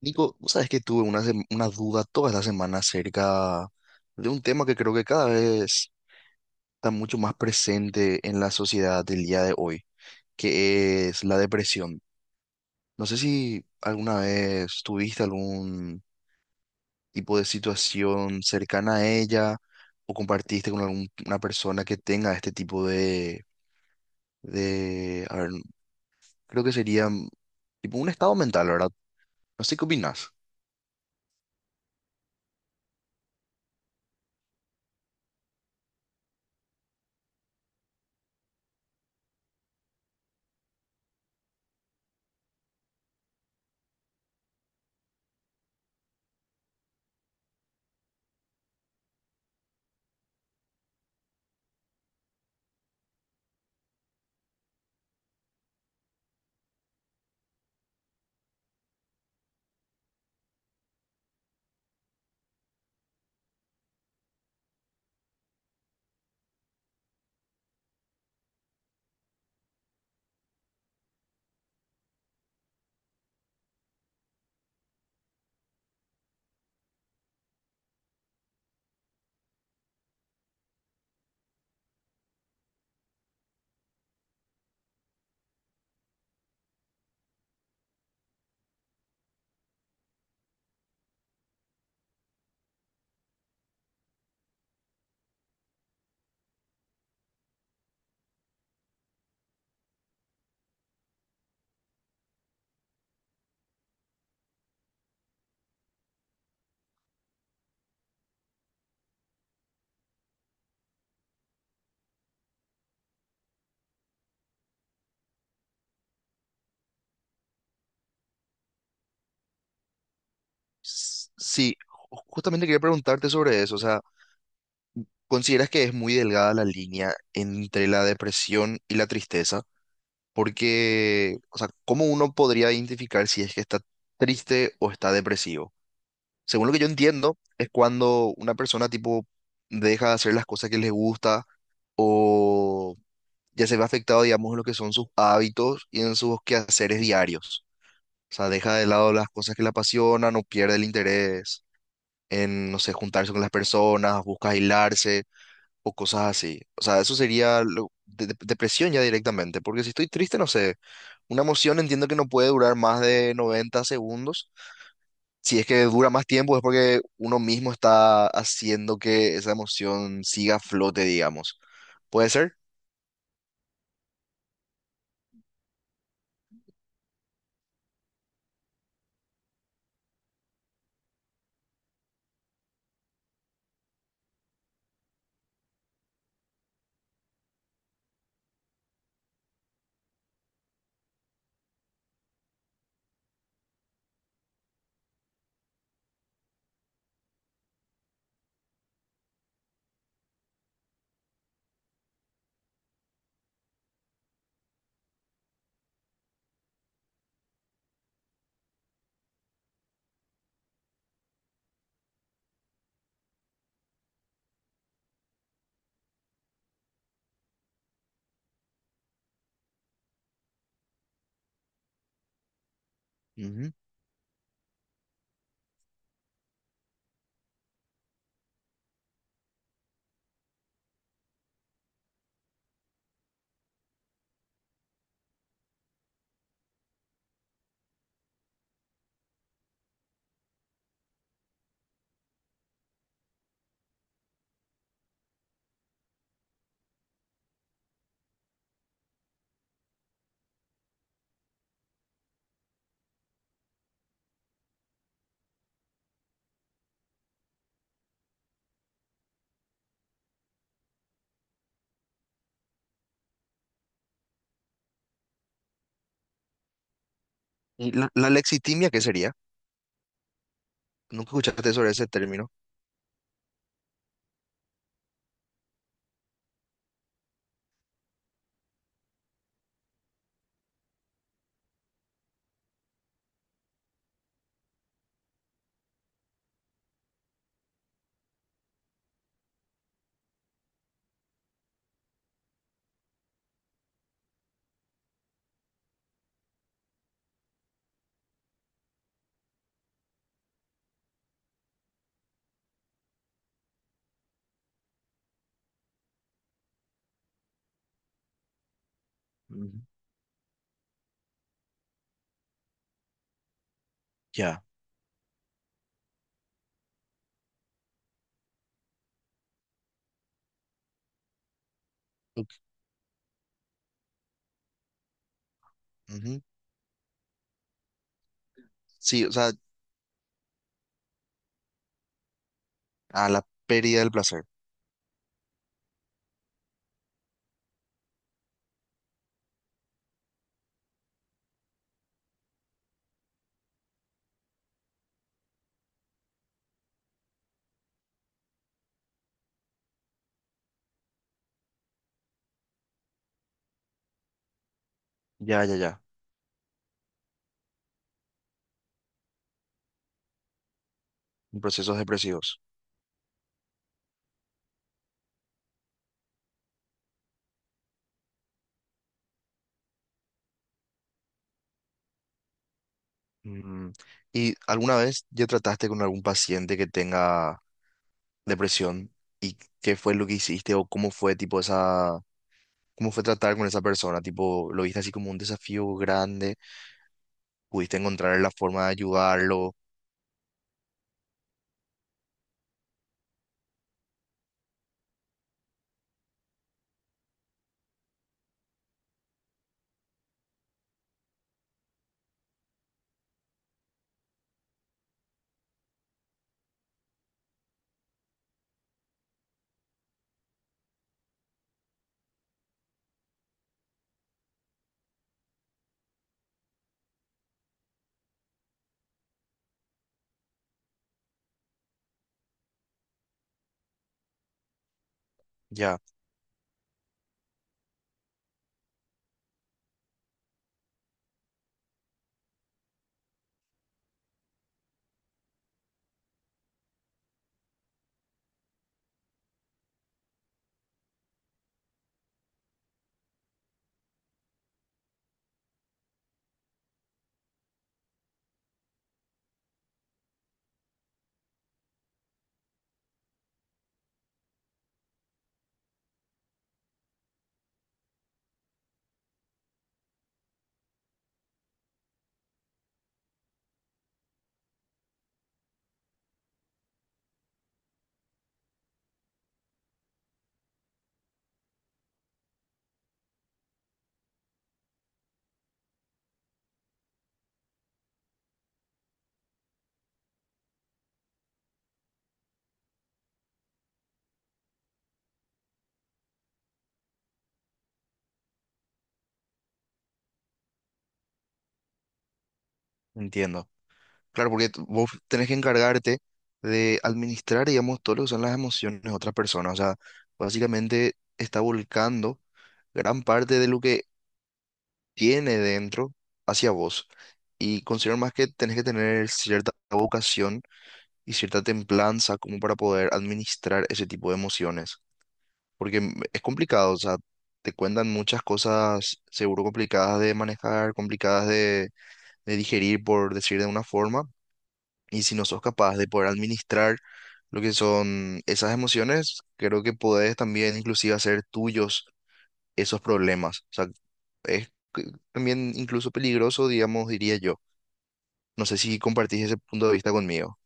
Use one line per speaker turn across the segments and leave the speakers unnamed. Nico, vos sabes que tuve una duda toda la semana acerca de un tema que creo que cada vez está mucho más presente en la sociedad del día de hoy, que es la depresión. No sé si alguna vez tuviste algún tipo de situación cercana a ella o compartiste con alguna persona que tenga este tipo de, a ver, creo que sería tipo un estado mental, ¿verdad? No sé qué opinas. Sí, justamente quería preguntarte sobre eso, o sea. ¿Consideras que es muy delgada la línea entre la depresión y la tristeza? Porque, o sea, ¿cómo uno podría identificar si es que está triste o está depresivo? Según lo que yo entiendo, es cuando una persona tipo deja de hacer las cosas que les gusta o ya se ve afectado, digamos, en lo que son sus hábitos y en sus quehaceres diarios. O sea, deja de lado las cosas que le apasionan o pierde el interés en, no sé, juntarse con las personas, busca aislarse o cosas así. O sea, eso sería depresión ya directamente, porque si estoy triste, no sé, una emoción entiendo que no puede durar más de 90 segundos. Si es que dura más tiempo es porque uno mismo está haciendo que esa emoción siga a flote, digamos. ¿Puede ser? Ujú. ¿Y la lexitimia qué sería? Nunca escuchaste sobre ese término. Ujú. Ya. Ok. Ujú. Sí, o sea, a la pérdida del placer. Ya, ya, ya. Procesos depresivos. Mm, ¿y alguna vez ya trataste con algún paciente que tenga depresión? ¿Y qué fue lo que hiciste o cómo fue tipo esa, cómo fue tratar con esa persona? Tipo, ¿lo viste así como un desafío grande? ¿Pudiste encontrar la forma de ayudarlo? Ya, entiendo. Claro, porque vos tenés que encargarte de administrar, digamos, todo lo que son las emociones de otras personas. O sea, básicamente está volcando gran parte de lo que tiene dentro hacia vos. Y considero más que tenés que tener cierta vocación y cierta templanza como para poder administrar ese tipo de emociones. Porque es complicado, o sea, te cuentan muchas cosas seguro complicadas de manejar, complicadas de digerir, por decir de una forma. Y si no sos capaz de poder administrar lo que son esas emociones, creo que podés también inclusive hacer tuyos esos problemas. O sea, es también incluso peligroso, digamos, diría yo. No sé si compartís ese punto de vista conmigo.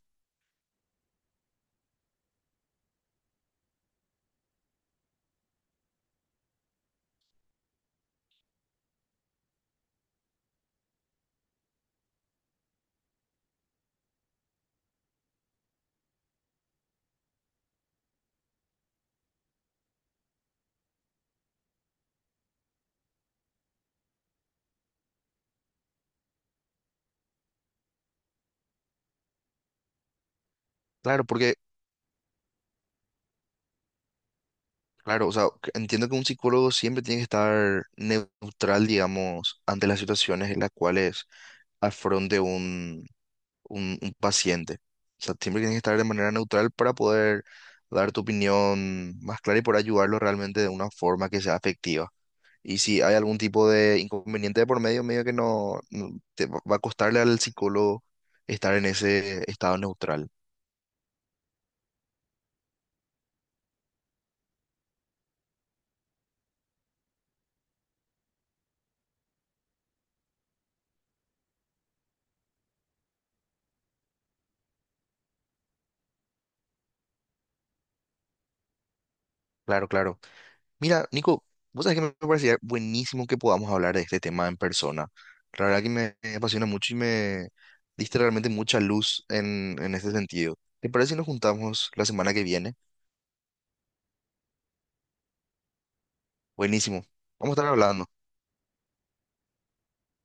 Claro, porque, claro, o sea, que entiendo que un psicólogo siempre tiene que estar neutral, digamos, ante las situaciones en las cuales afronte un paciente. O sea, siempre tienes que estar de manera neutral para poder dar tu opinión más clara y por ayudarlo realmente de una forma que sea afectiva. Y si hay algún tipo de inconveniente de por medio, medio que te va a costarle al psicólogo estar en ese estado neutral. Claro, claro. Mira, Nico, vos sabés que me parecía buenísimo que podamos hablar de este tema en persona. La verdad que me apasiona mucho y me diste realmente mucha luz en este sentido. ¿Te parece si nos juntamos la semana que viene? Buenísimo. Vamos a estar hablando.